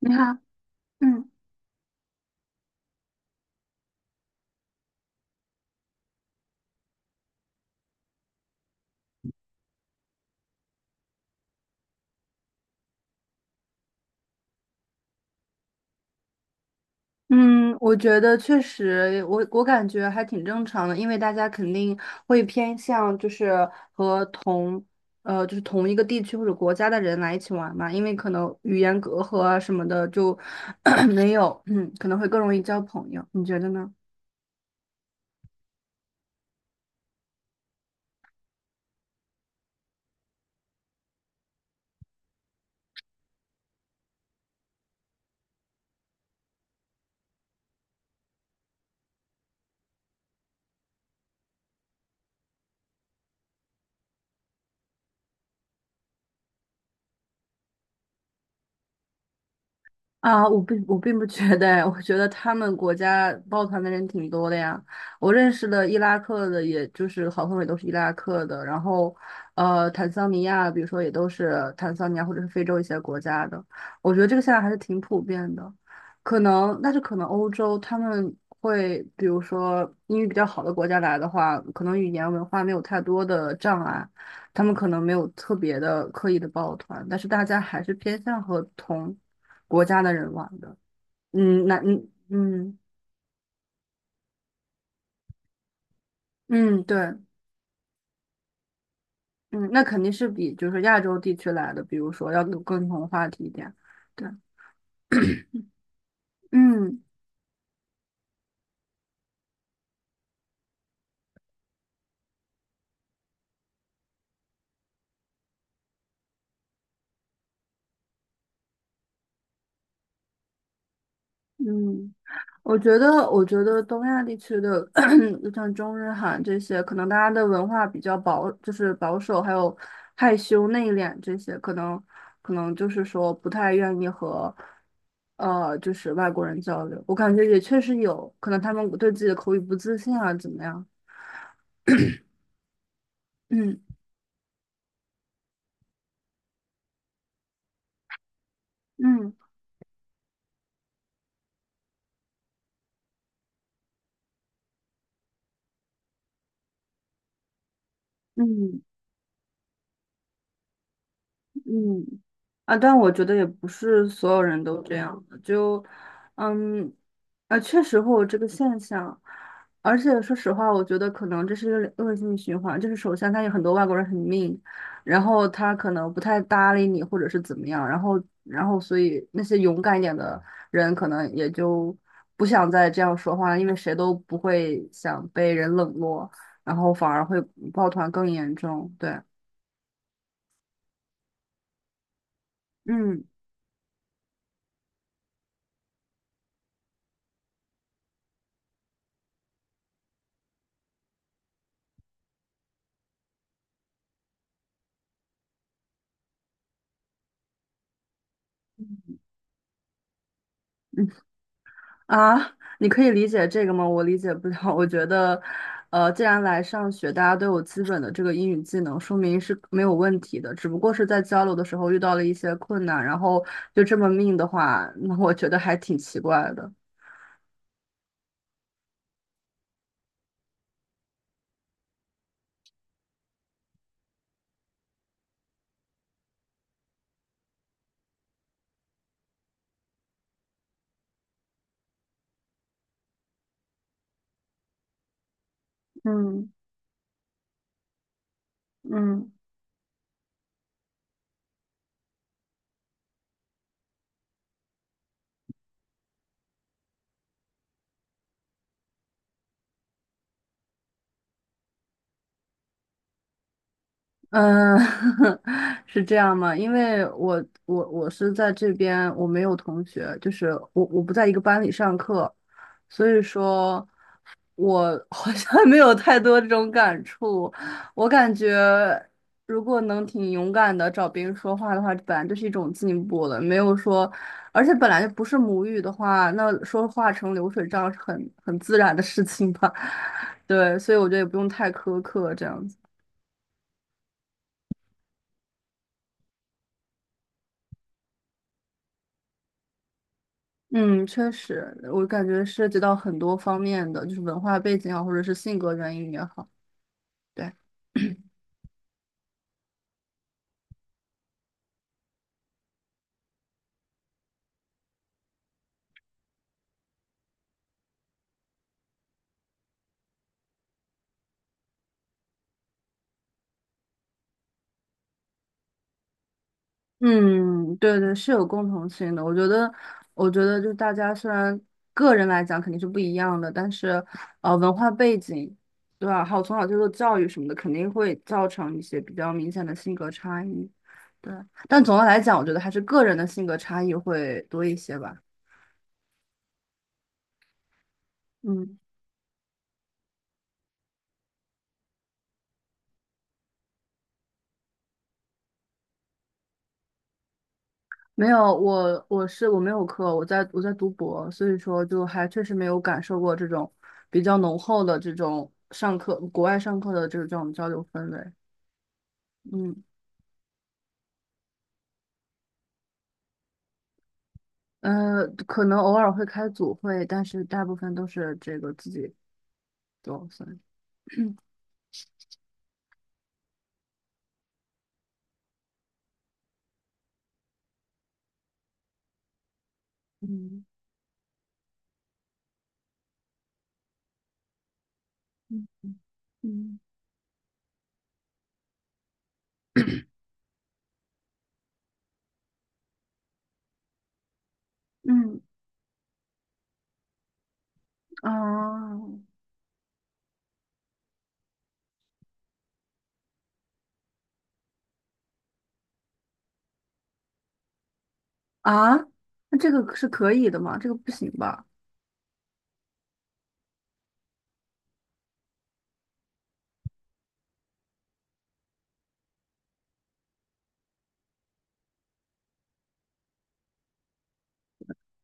你好，嗯嗯，我觉得确实，我感觉还挺正常的，因为大家肯定会偏向就是和同呃就是同一个地区或者国家的人来一起玩嘛，因为可能语言隔阂啊什么的就 没有，嗯，可能会更容易交朋友，你觉得呢？啊，我并我并不觉得，哎，我觉得他们国家抱团的人挺多的呀。我认识的伊拉克的，也就是好朋友也都是伊拉克的，然后坦桑尼亚，比如说也都是坦桑尼亚或者是非洲一些国家的。我觉得这个现在还是挺普遍的，但是可能欧洲他们会，比如说英语比较好的国家来的话，可能语言文化没有太多的障碍，他们可能没有特别的刻意的抱团，但是大家还是偏向和同。国家的人玩的。嗯，那嗯，对，嗯，那肯定是比就是亚洲地区来的，比如说要有共同话题一点。对，嗯嗯，我觉得东亚地区的 就 像中日韩这些，可能大家的文化比较保，就是保守，还有害羞内敛这些，可能就是说不太愿意和。就是外国人交流，我感觉也确实有可能他们对自己的口语不自信啊，怎么样？嗯。嗯嗯嗯，啊，但我觉得也不是所有人都这样的就，嗯，啊，确实会有这个现象，而且说实话，我觉得可能这是一个恶性循环，就是首先他有很多外国人很 mean,然后他可能不太搭理你，或者是怎么样，然后所以那些勇敢一点的人可能也就不想再这样说话了，因为谁都不会想被人冷落，然后反而会抱团更严重，对。嗯嗯。啊，你可以理解这个吗？我理解不了。我觉得，既然来上学，大家都有基本的这个英语技能，说明是没有问题的。只不过是在交流的时候遇到了一些困难，然后就这么命的话，那我觉得还挺奇怪的。嗯嗯嗯，是这样吗？因为我是在这边，我没有同学，就是我不在一个班里上课，所以说。我 好像没有太多这种感触。我感觉，如果能挺勇敢的找别人说话的话，本来就是一种进步了。没有说，而且本来就不是母语的话，那说话成流水账是很自然的事情吧。对，所以我觉得也不用太苛刻这样子。嗯，确实，我感觉涉及到很多方面的，就是文化背景啊，或者是性格原因也好。对。嗯，对对，是有共同性的。我觉得，我觉得就是大家虽然个人来讲肯定是不一样的，但是文化背景，对吧？还有从小接受教育什么的，肯定会造成一些比较明显的性格差异。对，但总的来讲，我觉得还是个人的性格差异会多一些吧。嗯，没有，我没有课，我在读博，所以说就还确实没有感受过这种比较浓厚的这种上课，国外上课的这种交流氛围。嗯。呃，可能偶尔会开组会，但是大部分都是这个自己做，算是嗯嗯嗯，嗯，哦，啊，那这个是可以的吗？这个不行吧？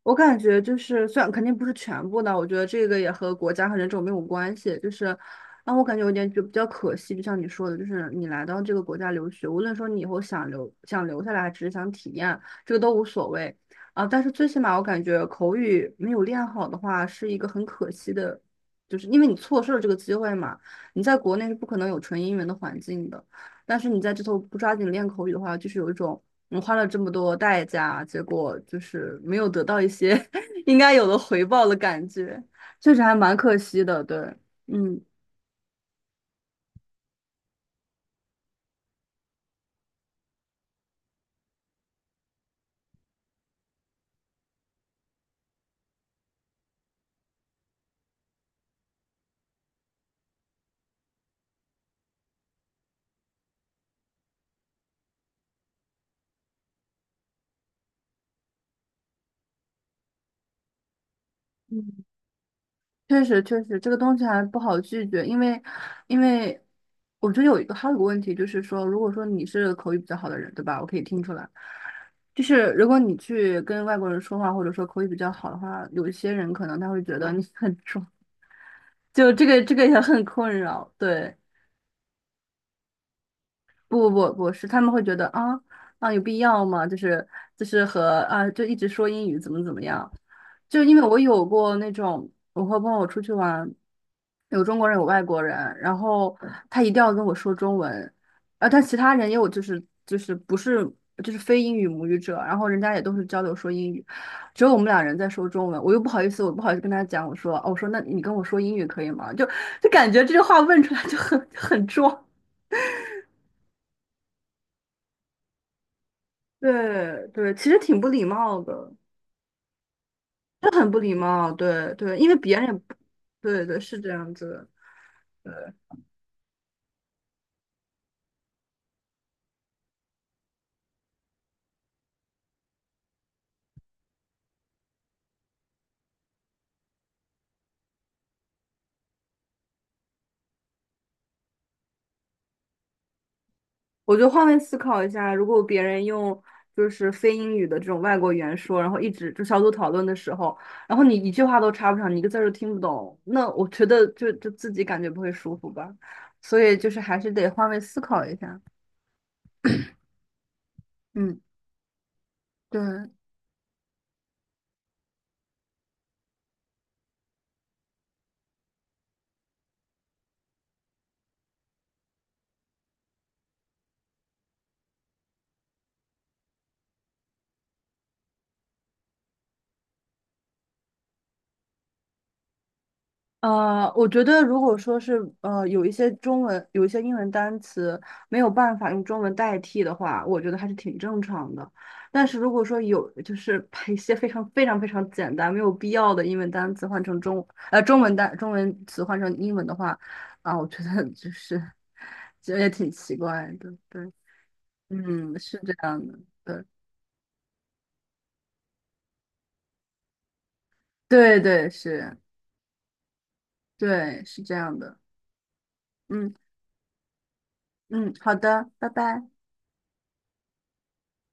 我感觉就是，虽然肯定不是全部的，我觉得这个也和国家和人种没有关系。就是，让我感觉有点就比较可惜，就像你说的，就是你来到这个国家留学，无论说你以后想留下来，还只是想体验，这个都无所谓啊。但是最起码我感觉口语没有练好的话，是一个很可惜的，就是因为你错失了这个机会嘛。你在国内是不可能有纯英文的环境的，但是你在这头不抓紧练口语的话，就是有一种。我花了这么多代价，结果就是没有得到一些 应该有的回报的感觉，确实还蛮可惜的。对，嗯嗯，确实，这个东西还不好拒绝，因为我觉得有一个问题就是说，如果说你是口语比较好的人，对吧？我可以听出来，就是如果你去跟外国人说话，或者说口语比较好的话，有一些人可能他会觉得你很 装，就这个也很困扰。对，不是，他们会觉得啊，啊，有必要吗？就是和啊，就一直说英语怎么怎么样，就因为我有过那种我和朋友出去玩，有中国人有外国人，然后他一定要跟我说中文，啊，但其他人也有就是不是就是非英语母语者，然后人家也都是交流说英语，只有我们俩人在说中文，我又不好意思，我不好意思跟他讲，我说哦，我说那你跟我说英语可以吗？就就感觉这句话问出来就很就很装。对对，其实挺不礼貌的，是很不礼貌。对对，因为别人也不，对对，是这样子的。我就换位思考一下，如果别人用就是非英语的这种外国语言说，然后一直就小组讨论的时候，然后你一句话都插不上，你一个字儿都听不懂，那我觉得就就自己感觉不会舒服吧。所以就是还是得换位思考一下。嗯，对。我觉得如果说是有一些中文有一些英文单词没有办法用中文代替的话，我觉得还是挺正常的。但是如果说有就是把一些非常非常非常简单没有必要的英文单词换成中中文中文词换成英文的话，啊，我觉得就是 其实也挺奇怪的，对，嗯，是这样的，对，对对是，对是这样的，嗯嗯，好的，拜拜。